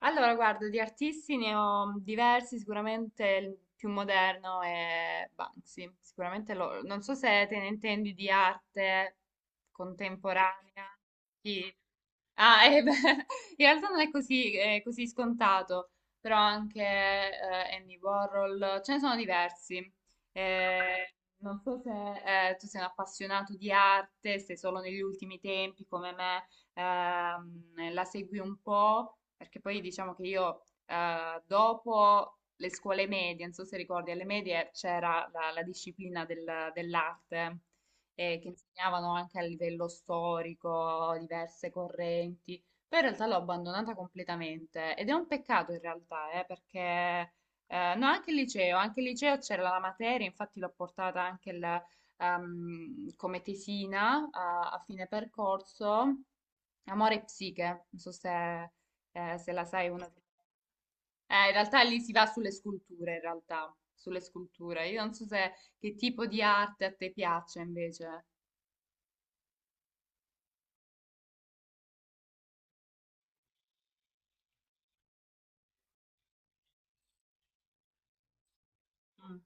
Allora, guarda, di artisti ne ho diversi, sicuramente il più moderno è Banksy, sicuramente non so se te ne intendi di arte contemporanea. Sì. Ah, beh, in realtà non è così, così scontato, però anche Andy Warhol, ce ne sono diversi. Eh, Non so se tu sei un appassionato di arte, se solo negli ultimi tempi come me la segui un po' perché poi diciamo che io dopo le scuole medie, non so se ricordi, alle medie c'era la disciplina dell'arte che insegnavano anche a livello storico diverse correnti, poi in realtà l'ho abbandonata completamente ed è un peccato in realtà, perché no, anche il liceo c'era la materia, infatti l'ho portata anche come tesina a fine percorso, Amore e psiche, non so se se la sai una... in realtà lì si va sulle sculture, in realtà, sulle sculture. Io non so se che tipo di arte a te piace invece. Mm.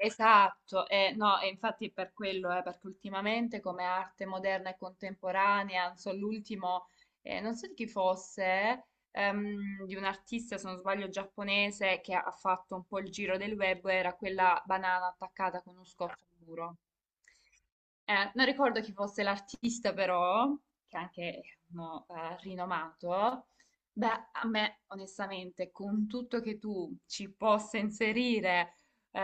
Esatto, no, e infatti è per quello, perché ultimamente come arte moderna e contemporanea, non so, l'ultimo, non so di chi fosse, di un artista, se non sbaglio, giapponese che ha fatto un po' il giro del web, era quella banana attaccata con uno scotch al muro. Non ricordo chi fosse l'artista, però, che anche no, rinomato. Beh, a me, onestamente, con tutto che tu ci possa inserire eh,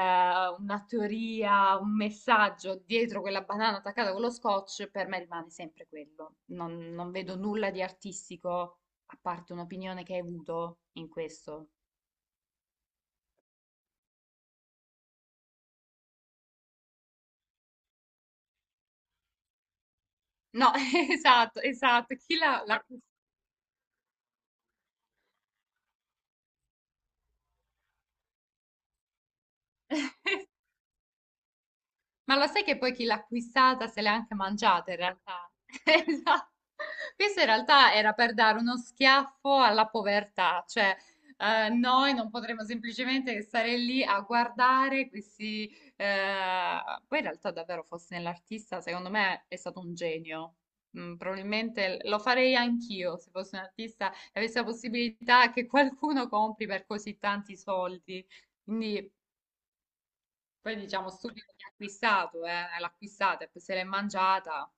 una teoria, un messaggio dietro quella banana attaccata con lo scotch, per me rimane sempre quello. Non, non vedo nulla di artistico, a parte un'opinione che hai avuto in questo. No, esatto, esatto. Chi l'ha l'ha Ma lo sai che poi chi l'ha acquistata se l'è anche mangiata in realtà? Esatto. Questo in realtà era per dare uno schiaffo alla povertà, cioè noi non potremmo semplicemente stare lì a guardare questi... eh, Poi in realtà davvero fosse nell'artista, secondo me è stato un genio. Mm, probabilmente lo farei anch'io se fossi un artista e avessi la possibilità che qualcuno compri per così tanti soldi. Quindi poi diciamo stupido chi ha acquistato, l'ha acquistata e poi se l'è mangiata.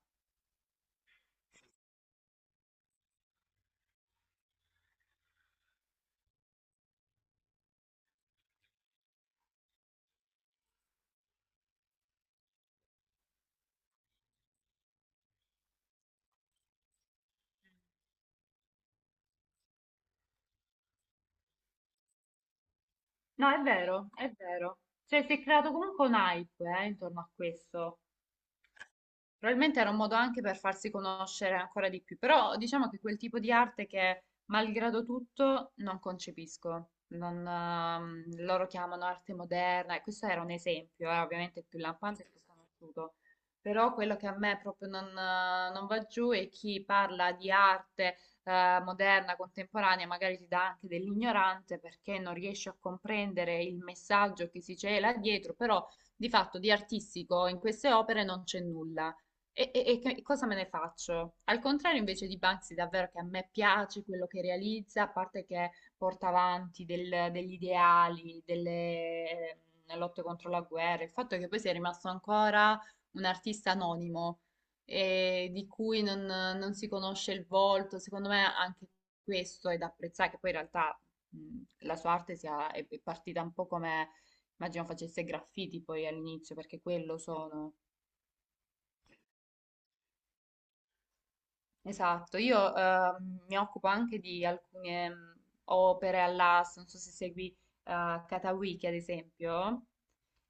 No, è vero, è vero. Cioè, si è creato comunque un hype, intorno a questo. Probabilmente era un modo anche per farsi conoscere ancora di più, però diciamo che quel tipo di arte che, malgrado tutto, non concepisco. Non, loro chiamano arte moderna, e questo era un esempio, ovviamente il più lampante e più conosciuto. Però quello che a me proprio non, non va giù è chi parla di arte, moderna, contemporanea, magari ti dà anche dell'ignorante perché non riesce a comprendere il messaggio che si cela dietro, però di fatto di artistico in queste opere non c'è nulla. E, e cosa me ne faccio? Al contrario invece di Banksy, davvero che a me piace quello che realizza, a parte che porta avanti degli ideali, delle lotte contro la guerra, il fatto è che poi sia rimasto ancora un artista anonimo, di cui non, non si conosce il volto, secondo me anche questo è da apprezzare, che poi in realtà la sua arte è partita un po' come, immagino facesse graffiti poi all'inizio, perché quello sono. Esatto, io mi occupo anche di alcune opere all'asta, non so se segui Katawiki ad esempio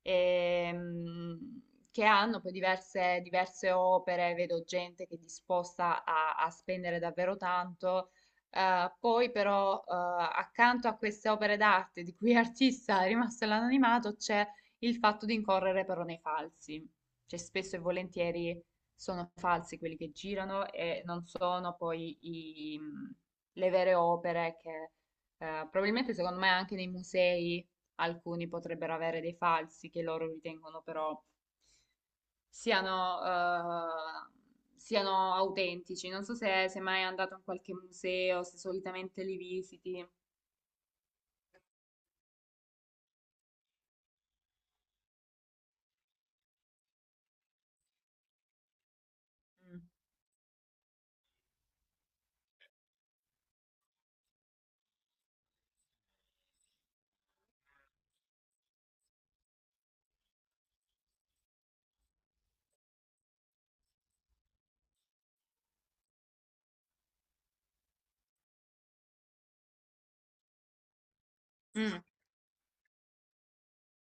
ehm, che hanno poi diverse opere, vedo gente che è disposta a spendere davvero tanto. Poi però accanto a queste opere d'arte di cui artista è rimasto l'anonimato c'è il fatto di incorrere però nei falsi, cioè spesso e volentieri sono falsi quelli che girano e non sono poi le vere opere che probabilmente secondo me anche nei musei alcuni potrebbero avere dei falsi che loro ritengono però siano, siano autentici. Non so se sei mai andato in qualche museo, se solitamente li visiti. Mm. Mm.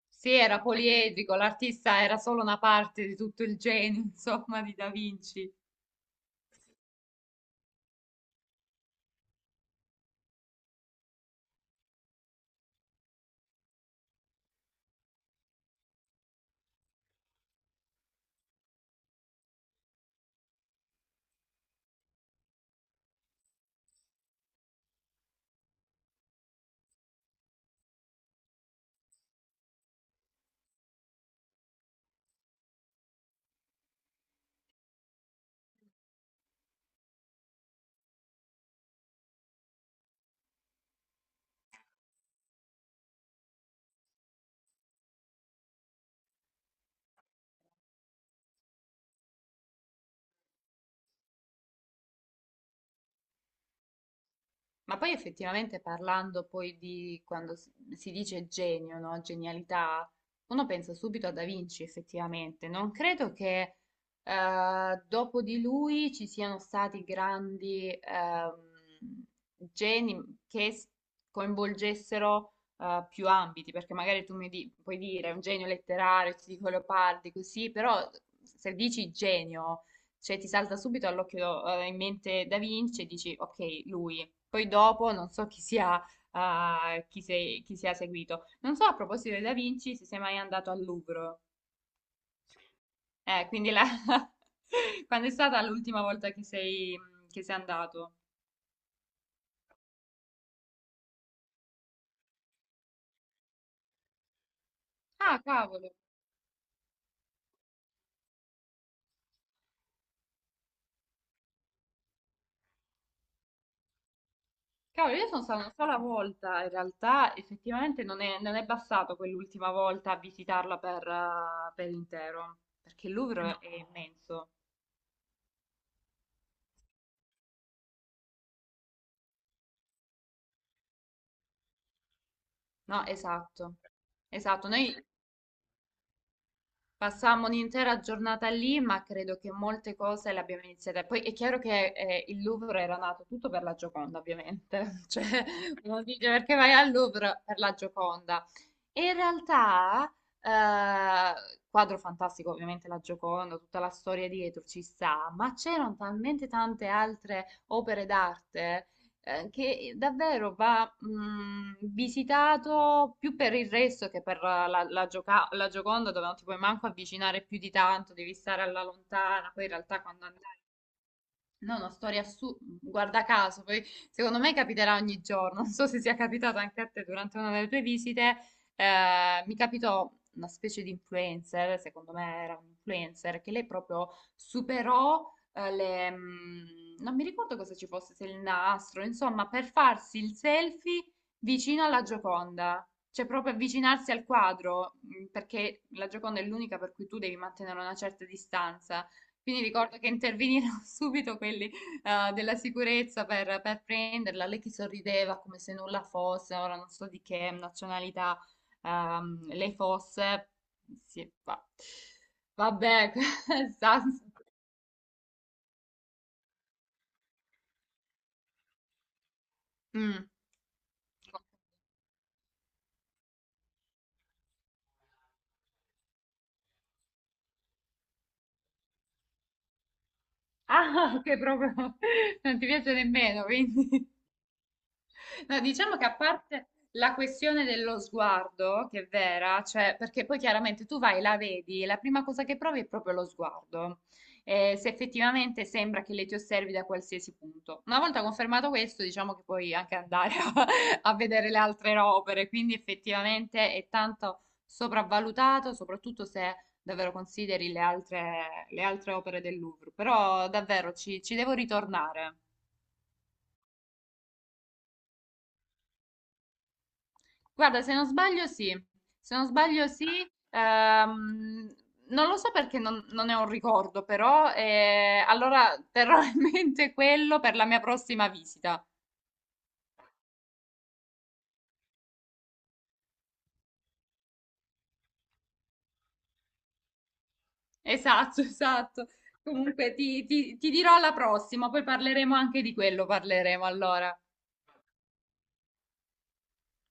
Sì, era poliedrico, l'artista era solo una parte di tutto il genio, insomma, di Da Vinci. Ma poi effettivamente parlando poi di quando si dice genio, no? Genialità, uno pensa subito a Da Vinci effettivamente. Non credo che dopo di lui ci siano stati grandi geni che coinvolgessero più ambiti, perché magari tu puoi dire un genio letterario, ti dico Leopardi, così, però se dici genio, cioè ti salta subito all'occhio, in mente Da Vinci e dici ok, lui. Poi dopo non so chi sia, chi sia seguito. Non so a proposito di Da Vinci se sei mai andato al Louvre. Quindi quando è stata l'ultima volta che che sei andato? Ah, cavolo. Cavolo, io sono stata una sola volta, in realtà effettivamente non è, non è bastato quell'ultima volta a visitarla per intero, perché il Louvre è immenso. No, esatto. Esatto, noi passammo un'intera giornata lì, ma credo che molte cose le abbiamo iniziate. Poi è chiaro che il Louvre era nato tutto per la Gioconda, ovviamente. Cioè, uno dice perché vai al Louvre per la Gioconda. E in realtà, eh, quadro fantastico, ovviamente la Gioconda, tutta la storia dietro ci sta, ma c'erano talmente tante altre opere d'arte che davvero va visitato più per il resto che per la la Gioconda, dove non ti puoi manco avvicinare più di tanto, devi stare alla lontana. Poi in realtà quando andai no, una storia assurda, guarda caso, poi secondo me capiterà ogni giorno, non so se sia capitato anche a te durante una delle tue visite, mi capitò una specie di influencer, secondo me era un influencer, che lei proprio superò le... mm, non mi ricordo cosa ci fosse, se il nastro, insomma, per farsi il selfie vicino alla Gioconda, cioè proprio avvicinarsi al quadro, mm, perché la Gioconda è l'unica per cui tu devi mantenere una certa distanza. Quindi ricordo che intervenirono subito quelli della sicurezza per prenderla. Lei che sorrideva come se nulla fosse, ora non so di che nazionalità lei fosse. Sì, vabbè, questa... Mm. Ah, che proprio non ti piace nemmeno, quindi. No, diciamo che a parte la questione dello sguardo, che è vera, cioè, perché poi chiaramente tu vai, la vedi, e la prima cosa che provi è proprio lo sguardo. Se effettivamente sembra che lei ti osservi da qualsiasi punto. Una volta confermato questo, diciamo che puoi anche andare a, a vedere le altre opere, quindi effettivamente è tanto sopravvalutato, soprattutto se davvero consideri le altre opere del Louvre. Però davvero ci devo ritornare. Guarda, se non sbaglio sì, se non sbaglio sì, ehm, non lo so perché non, non è un ricordo, però allora terrò in mente quello per la mia prossima visita. Esatto, esatto. Comunque ti dirò alla prossima, poi parleremo anche di quello, parleremo allora.